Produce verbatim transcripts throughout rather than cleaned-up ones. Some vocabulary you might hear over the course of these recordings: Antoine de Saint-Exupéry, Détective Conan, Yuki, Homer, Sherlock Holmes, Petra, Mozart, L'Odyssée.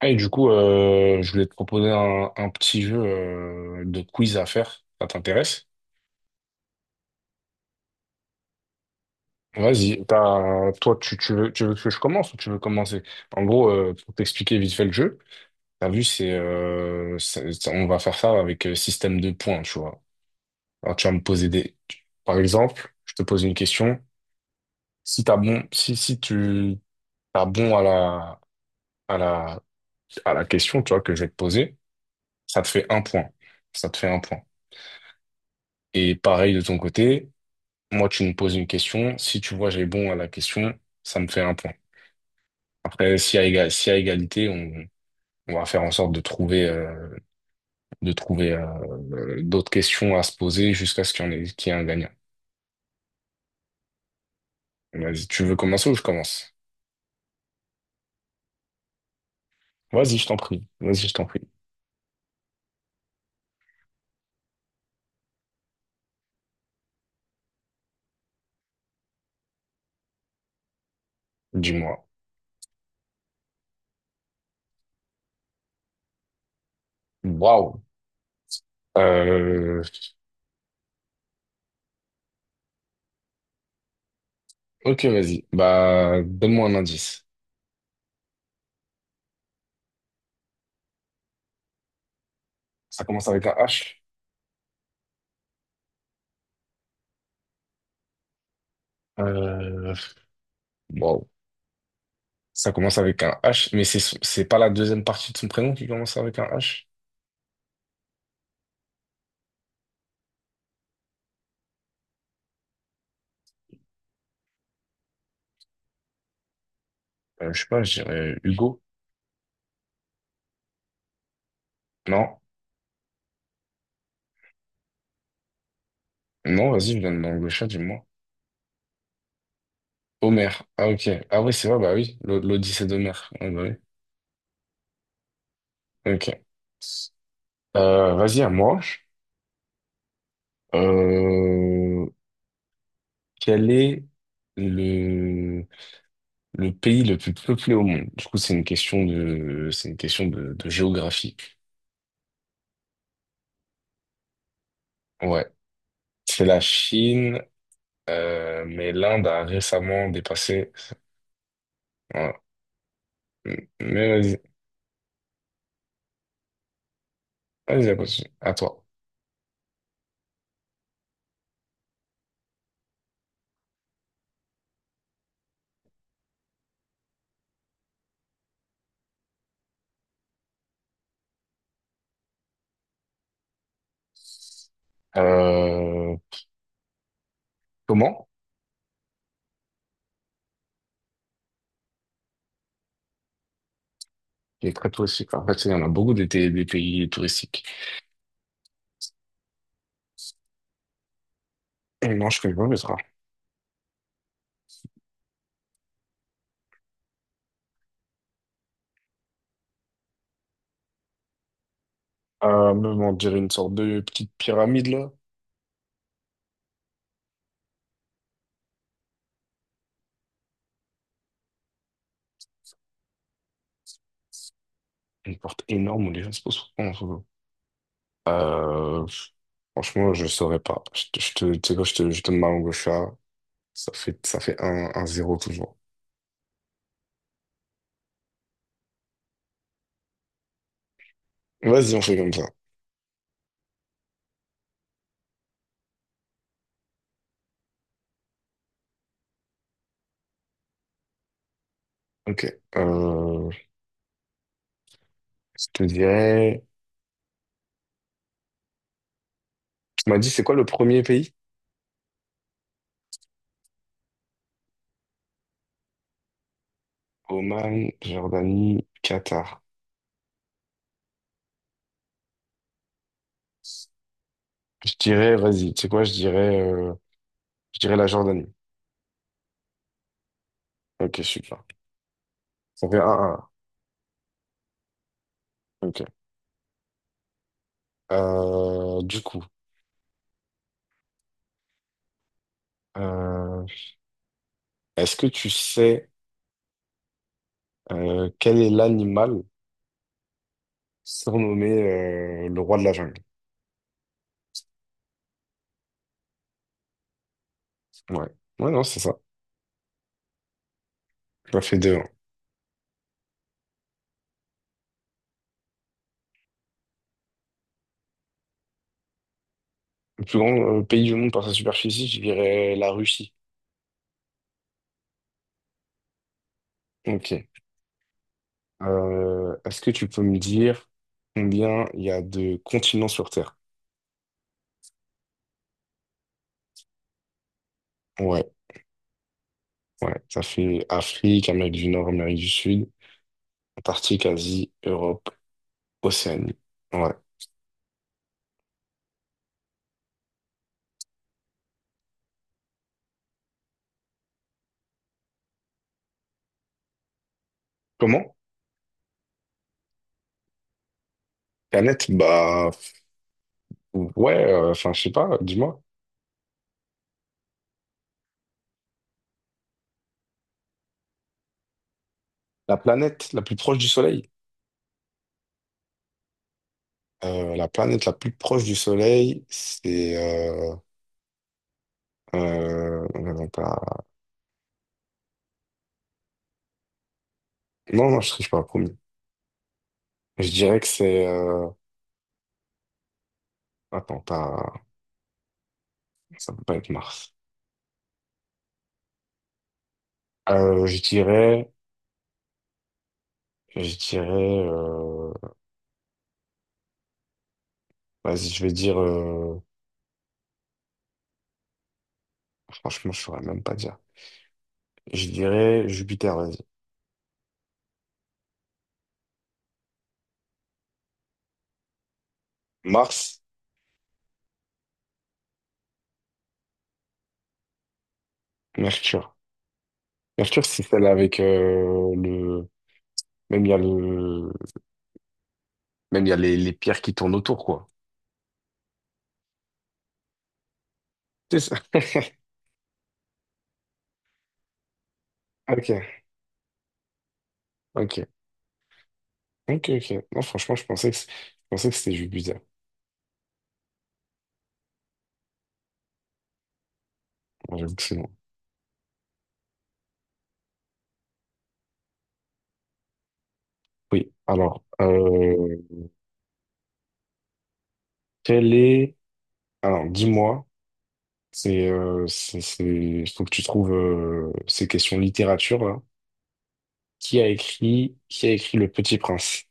Ah, Et du coup, euh, je voulais te proposer un, un petit jeu euh, de quiz à faire. Ça t'intéresse? Vas-y. T'as- Toi, tu, tu veux, tu veux que je commence ou tu veux commencer? En gros, euh, pour t'expliquer vite fait le jeu, t'as vu, c'est, euh, c'est- c'est- on va faire ça avec euh, système de points, tu vois. Alors, tu vas me poser des... tu- Par exemple, je te pose une question. Si t'as bon, si, si tu t'as bon à la, à la, à la question, tu vois, que je vais te poser, ça te fait un point. Ça te fait un point. Et pareil de ton côté. Moi, tu me poses une question. Si tu vois, j'ai bon à la question, ça me fait un point. Après, s'il y a éga- s'il y a égalité, on, on va faire en sorte de trouver, euh, de trouver euh, euh, d'autres questions à se poser jusqu'à ce qu'il y en ait, qu'il y ait un gagnant. Vas-y, tu veux commencer ou je commence? Vas-y, je t'en prie. Vas-y, je t'en prie. Dis-moi. Waouh. Euh, ok, vas-y. Bah, donne-moi un indice. Ça commence avec un H. Euh, waouh. Ça commence avec un H, mais c'est, son- c'est pas la deuxième partie de son prénom qui commence avec un H? Euh, je sais pas, je dirais Hugo. Non, non, vas-y, je donne dans le chat, dis-moi. Homer. Ah, ok. Ah, oui, c'est vrai, bah oui. l'O- L'Odyssée d'Homer. Ah, bah oui. Ok. Euh, vas-y, à moi. Euh, quel est le, le pays le plus peuplé au monde? Du coup, c'est une question de, c'est une question de, de géographie. Ouais. C'est la Chine, euh, mais l'Inde a récemment dépassé. Ouais. Mais vas-y, vas-y, à toi. À toi. Euh, comment? Il est très touristique. En fait, il y en a beaucoup des, té- des pays touristiques. Et non, je connais pas Petra. Euh, même, on dirait une sorte de petite pyramide, là. Une porte énorme où les gens se posent pour prendre en photo. Euh, franchement, je saurais pas. Je te, je te, tu sais quoi, je te, je donne ma langue au chat. Ça fait, ça fait un, un zéro toujours. Vas-y, on fait comme ça. Ok. Euh, je te dirais... Tu m'as dit, c'est quoi le premier pays? Oman, Jordanie, Qatar. Je dirais, vas-y, tu sais quoi, je dirais, euh, je dirais la Jordanie. Ok, super. Ça fait un un. Ok. Euh, du coup, euh, est-ce que tu sais euh, quel est l'animal surnommé euh, le roi de la jungle? Ouais. Ouais, non, c'est ça. Ça fait deux. un Le plus grand euh, pays du monde par sa superficie, je dirais la Russie. Ok. Euh, est-ce que tu peux me dire combien il y a de continents sur Terre? Ouais, ouais. Ça fait Afrique, Amérique du Nord, Amérique du Sud, Antarctique, Asie, Europe, Océanie. Ouais. Comment? Planète? Bah, Ou- ouais, euh, enfin, je sais pas, dis-moi. La planète la plus proche du Soleil. Euh, la planète la plus proche du Soleil, c'est... Euh, euh, non, pas- non, non, je triche pas, promis. Je dirais que c'est... euh, attends, pas... ça peut pas être Mars. Euh, je dirais... Je dirais... euh, Vas-y, je vais dire... euh, Franchement, je saurais même pas dire. Je dirais Jupiter, vas-y. Mars, Mercure. Mercure, si c'est celle avec euh, le... Même il y a le... Même il y a les, les pierres qui tournent autour, quoi. C'est ça. Ok, ok, ok, ok. Non, franchement, je pensais que, c- je pensais que c'était juste bizarre. Bon, j'avoue que c'est non. Oui, alors, euh, quel est... Alors, dis-moi, c'est, euh, c'est, c'est- il faut que tu trouves euh, ces questions littérature, là. Qui a écrit, qui a écrit Le Petit Prince?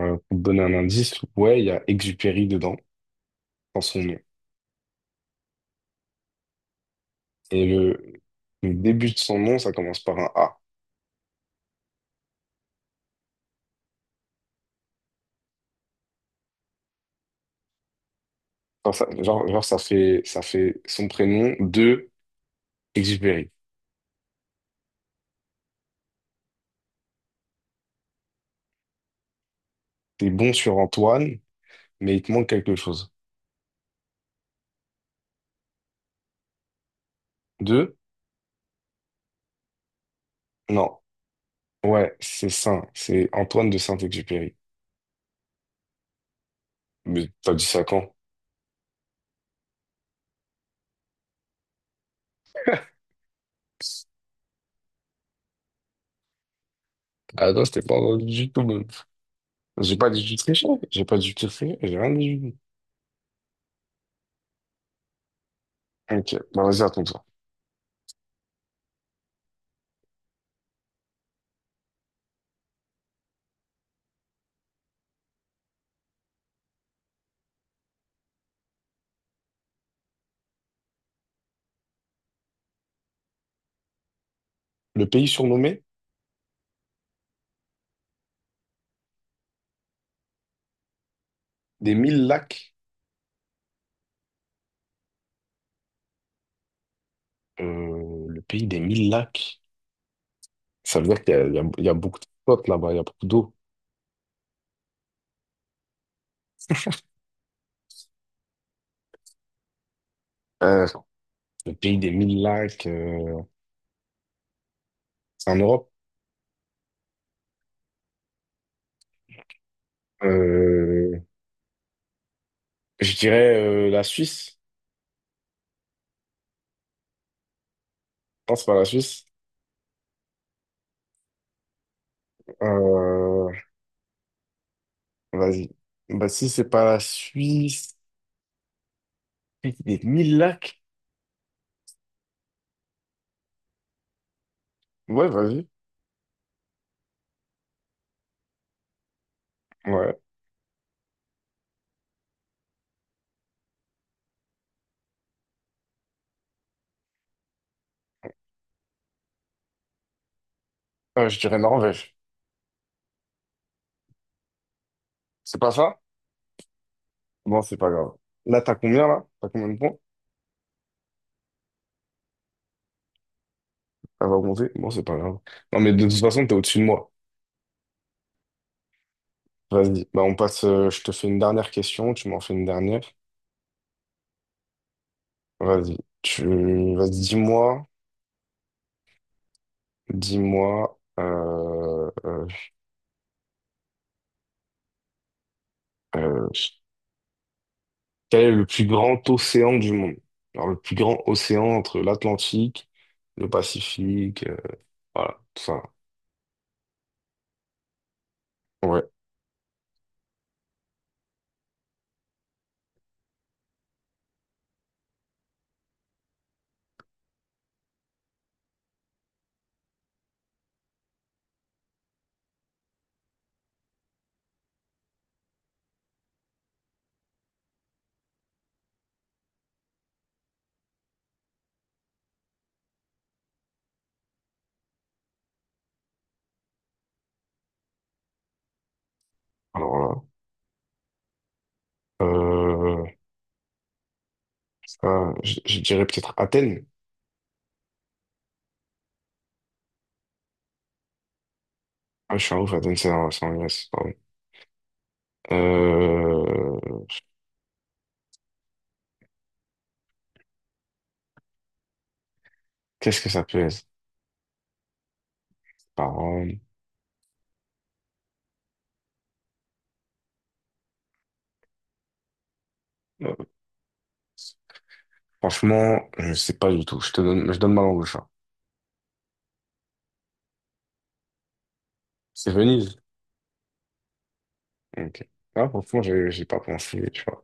Euh, pour te donner un indice, ouais, il y a Exupéry dedans, dans son nom. Et le, le début de son nom, ça commence par un A. Genre, ça, genre, genre, ça fait, ça fait son prénom de Exupéry. T'es bon sur Antoine, mais il te manque quelque chose. De? Non. Ouais, c'est Saint. C'est Antoine de Saint-Exupéry. Mais t'as dit ça quand? Ah non, je t'ai pas entendu du tout, même. J'ai pas dit du tout triché. J'ai pas du tout j'ai rien dit du tout. Ok, bah vas-y, raconte-toi. Le pays surnommé des mille lacs. Euh, le pays des mille lacs. Ça veut dire qu'il y a, il y a- il y a beaucoup de spots là-bas, il y a beaucoup d'eau. Euh, le pays des mille lacs, euh, c'est en Europe. Euh, je dirais euh, la Suisse. Non, c'est pas la Suisse. Euh, vas-y. Bah, si c'est pas la Suisse, des mille lacs. Ouais, vas-y. Ouais. Euh, je dirais Norvège. C'est pas ça? Bon, c'est pas grave. Là, t'as combien, là? T'as combien de points? Ça va augmenter? Bon, c'est pas grave. Non, mais de toute façon, t'es au-dessus de moi. Vas-y. Bah, on passe. Euh, je te fais une dernière question. Tu m'en fais une dernière. Vas-y. Tu... Vas-y, dis-moi. Dis-moi. Euh... euh, euh, Quel est le plus grand océan du monde? Alors, le plus grand océan entre l'Atlantique, le Pacifique, euh, voilà, tout ça. Ouais, alors là, euh, ça, je, je dirais peut-être Athènes. Ah, je suis un ouf, Athènes, c'est en, c'est en Grèce, pardon. Euh, qu'est-ce que ça peut être? Pardon. Euh, franchement, je sais pas du tout. Je te donne, je donne ma langue au chat. C'est Venise. Ok. Ah, franchement, j'ai j'ai pas pensé, tu vois.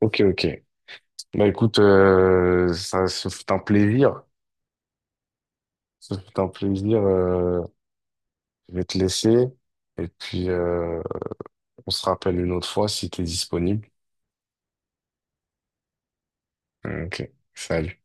Ok, ok. Bah écoute, euh, ça ce fut un plaisir. Ça fait un plaisir. Euh, je vais te laisser. Et puis, euh, on se rappelle une autre fois si tu es disponible. Ok, salut.